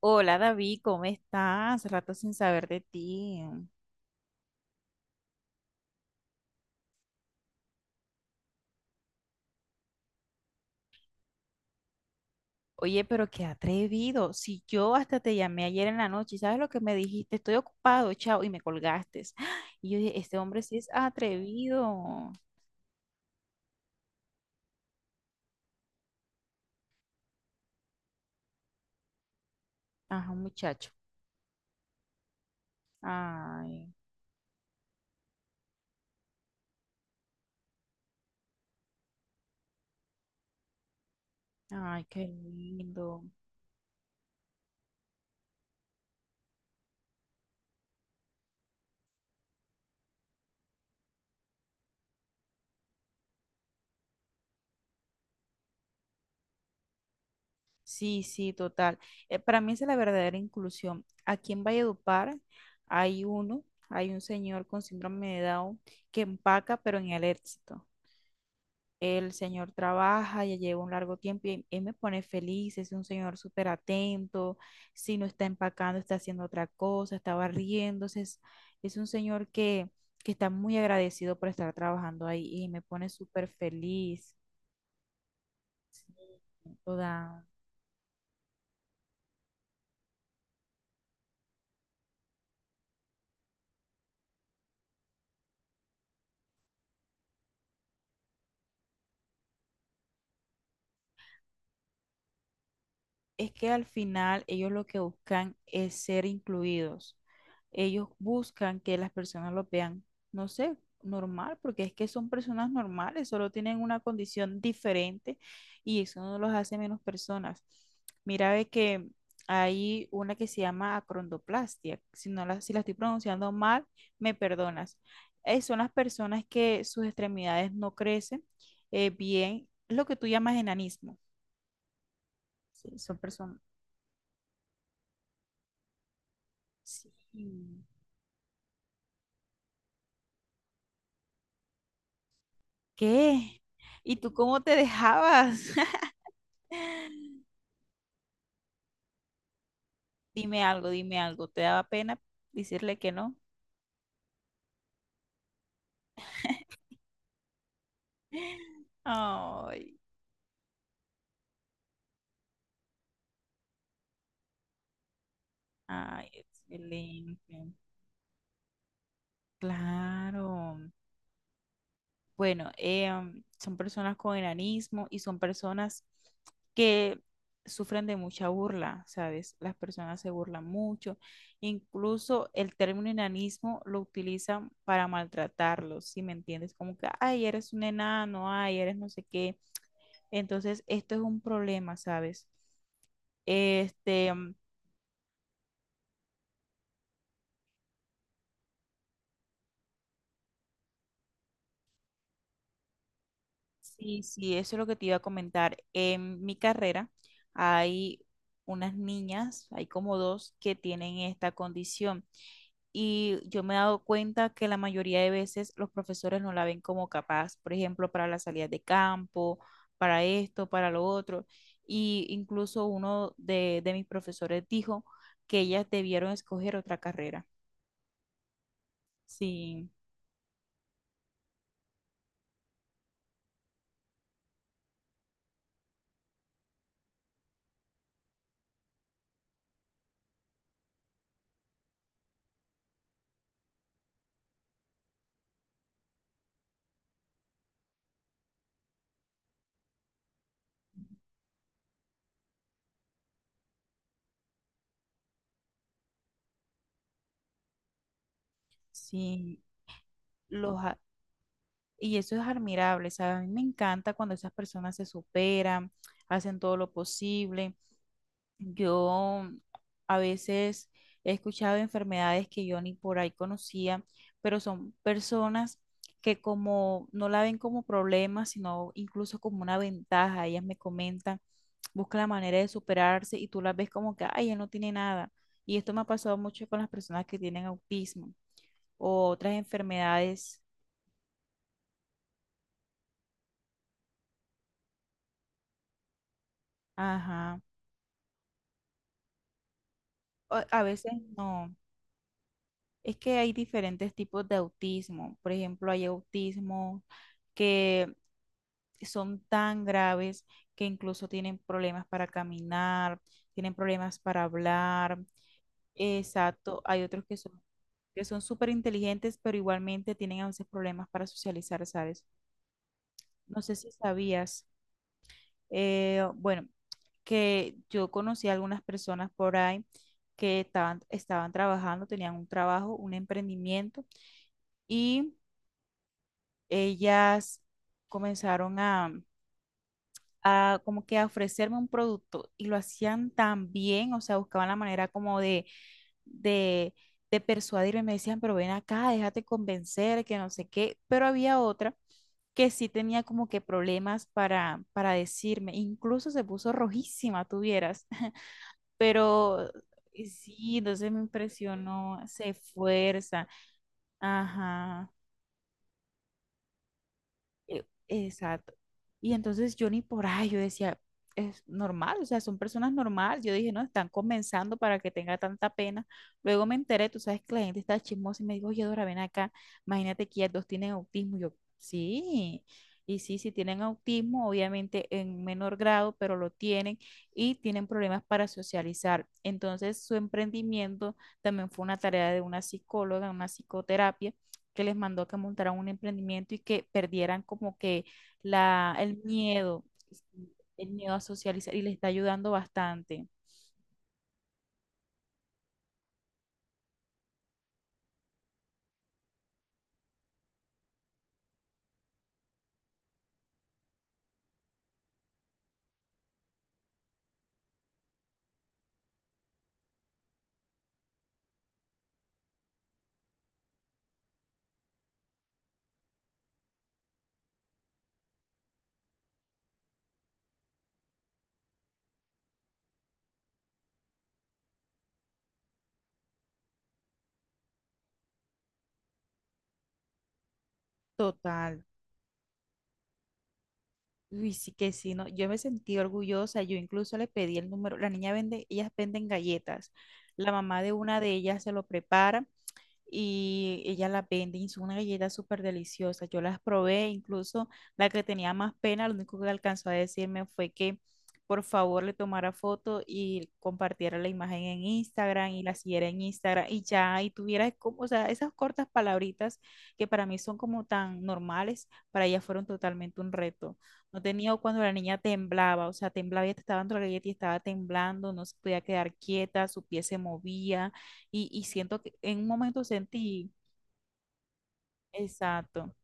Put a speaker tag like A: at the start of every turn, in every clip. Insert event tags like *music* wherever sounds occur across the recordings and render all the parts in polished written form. A: Hola David, ¿cómo estás? Rato sin saber de ti. Oye, pero qué atrevido. Si yo hasta te llamé ayer en la noche, y ¿sabes lo que me dijiste? Estoy ocupado, chao, y me colgaste. *gasps* Y yo dije, este hombre sí es atrevido. Ajá, un muchacho. Ay, ay, qué lindo. Sí, sí, total. Para mí esa es la verdadera inclusión. Aquí en Valledupar hay uno, hay un señor con síndrome de Down que empaca, pero en el éxito. El señor trabaja, ya lleva un largo tiempo y él me pone feliz, es un señor súper atento, si no está empacando, está haciendo otra cosa, está barriéndose, es un señor que está muy agradecido por estar trabajando ahí y me pone súper feliz. Toda. Es que al final ellos lo que buscan es ser incluidos. Ellos buscan que las personas lo vean, no sé, normal, porque es que son personas normales, solo tienen una condición diferente y eso no los hace menos personas. Mira, ve que hay una que se llama acrondoplastia. Si la estoy pronunciando mal, me perdonas. Son las personas que sus extremidades no crecen bien, lo que tú llamas enanismo. Sí, son personas. Sí. ¿Qué? ¿Y tú cómo te dejabas? *laughs* Dime algo, dime algo. ¿Te daba pena decirle que no? *gasps* Ay, ay, excelente. Claro. Bueno, son personas con enanismo y son personas que sufren de mucha burla, ¿sabes? Las personas se burlan mucho. Incluso el término enanismo lo utilizan para maltratarlos, ¿si me entiendes? Como que, ay, eres un enano, ay, eres no sé qué. Entonces, esto es un problema, ¿sabes? Este, em, Sí, sí, eso es lo que te iba a comentar. En mi carrera hay hay como dos que tienen esta condición y yo me he dado cuenta que la mayoría de veces los profesores no la ven como capaz, por ejemplo, para las salidas de campo, para esto, para lo otro. Y incluso uno de mis profesores dijo que ellas debieron escoger otra carrera. Sí, sí. los, a- Y eso es admirable, ¿sabes? A mí me encanta cuando esas personas se superan, hacen todo lo posible. Yo a veces he escuchado enfermedades que yo ni por ahí conocía, pero son personas que como no la ven como problema, sino incluso como una ventaja. Ellas me comentan, buscan la manera de superarse y tú las ves como que, ay, ella no tiene nada. Y esto me ha pasado mucho con las personas que tienen autismo o otras enfermedades. Ajá. A veces no. Es que hay diferentes tipos de autismo. Por ejemplo, hay autismo que son tan graves que incluso tienen problemas para caminar, tienen problemas para hablar. Exacto. Hay otros que son súper inteligentes, pero igualmente tienen a veces problemas para socializar, ¿sabes? No sé si sabías, bueno, que yo conocí a algunas personas por ahí que estaban trabajando, tenían un trabajo, un emprendimiento y ellas comenzaron a como que a ofrecerme un producto y lo hacían tan bien, o sea, buscaban la manera como de, de, de persuadirme, me decían, pero ven acá, déjate convencer, que no sé qué, pero había otra que sí tenía como que problemas para decirme, incluso se puso rojísima, tuvieras, *laughs* pero sí, entonces me impresionó, se fuerza, ajá. Exacto. Y entonces yo ni por ahí, yo decía, es normal, o sea, son personas normales. Yo dije, no, están comenzando para que tenga tanta pena. Luego me enteré, tú sabes que la gente está chismosa y me dijo, oye, Dora, ven acá, imagínate que ellas dos tienen autismo. Yo, sí, y sí, sí tienen autismo, obviamente en menor grado, pero lo tienen y tienen problemas para socializar. Entonces su emprendimiento también fue una tarea de una psicóloga, una psicoterapia que les mandó que montaran un emprendimiento y que perdieran como que la, el miedo a socializar y les está ayudando bastante. Total. Uy, sí que sí, no, yo me sentí orgullosa, yo incluso le pedí el número, la niña vende, ellas venden galletas, la mamá de una de ellas se lo prepara y ella las vende y son unas galletas súper deliciosas. Yo las probé, incluso la que tenía más pena, lo único que alcanzó a decirme fue que por favor le tomara foto y compartiera la imagen en Instagram y la siguiera en Instagram y ya, y tuviera como, o sea, esas cortas palabritas que para mí son como tan normales, para ella fueron totalmente un reto. No tenía cuando la niña temblaba, o sea, temblaba y te estaba dando la galleta y estaba temblando, no se podía quedar quieta, su pie se movía y siento que en un momento sentí, exacto,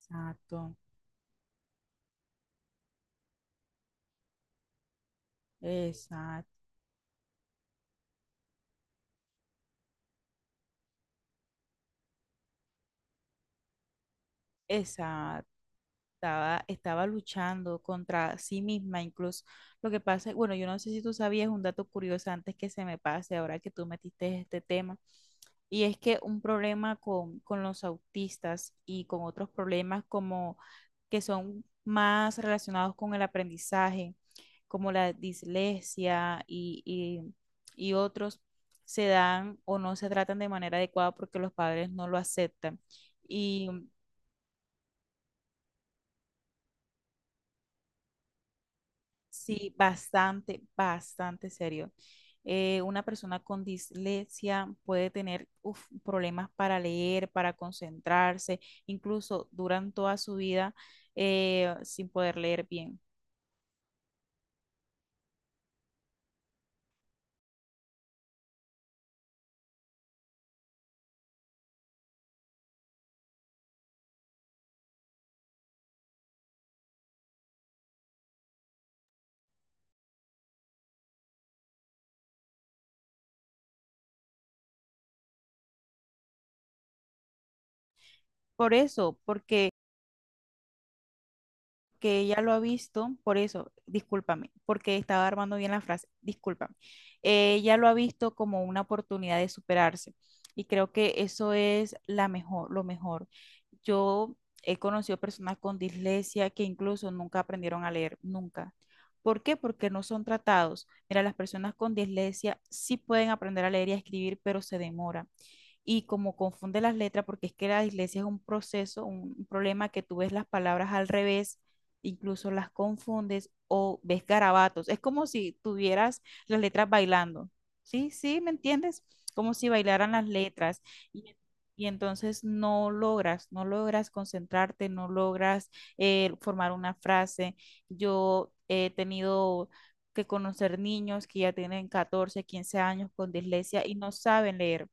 A: exacto, exacto, exacto. Estaba luchando contra sí misma, incluso lo que pasa, bueno, yo no sé si tú sabías un dato curioso antes que se me pase, ahora que tú metiste este tema, y es que un problema con los autistas y con otros problemas como que son más relacionados con el aprendizaje, como la dislexia y otros, se dan o no se tratan de manera adecuada porque los padres no lo aceptan. Y Sí, bastante, bastante serio. Una persona con dislexia puede tener uf, problemas para leer, para concentrarse, incluso duran toda su vida sin poder leer bien. Por eso, porque que ella lo ha visto, por eso, discúlpame, porque estaba armando bien la frase, discúlpame. Ella lo ha visto como una oportunidad de superarse y creo que eso es la mejor, lo mejor. Yo he conocido personas con dislexia que incluso nunca aprendieron a leer, nunca. ¿Por qué? Porque no son tratados. Mira, las personas con dislexia sí pueden aprender a leer y a escribir, pero se demora y como confunde las letras, porque es que la dislexia es un proceso, un problema que tú ves las palabras al revés, incluso las confundes o ves garabatos. Es como si tuvieras las letras bailando. ¿Sí? ¿Sí? ¿Me entiendes? Como si bailaran las letras. Y y entonces no logras concentrarte, no logras formar una frase. Yo he tenido que conocer niños que ya tienen 14 15 años con dislexia y no saben leer.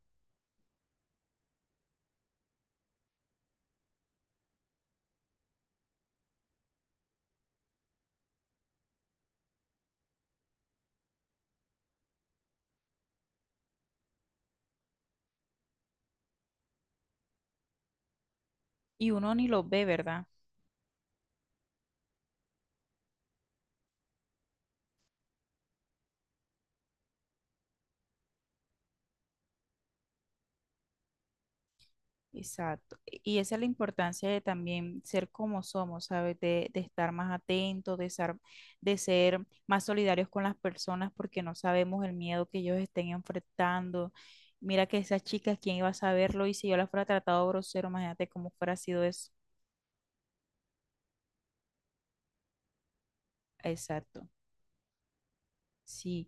A: Y uno ni los ve, ¿verdad? Exacto. Y esa es la importancia de también ser como somos, ¿sabes? De estar más atentos, de ser más solidarios con las personas porque no sabemos el miedo que ellos estén enfrentando. Mira que esas chicas, ¿quién iba a saberlo? Y si yo las fuera tratado grosero, imagínate cómo fuera sido eso. Exacto. Sí.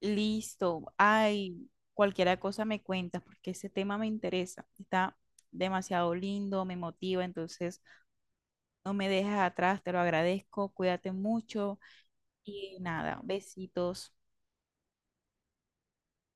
A: Listo. Ay, cualquier cosa me cuentas porque ese tema me interesa. Está demasiado lindo, me motiva, entonces, no me dejes atrás, te lo agradezco, cuídate mucho y nada, besitos.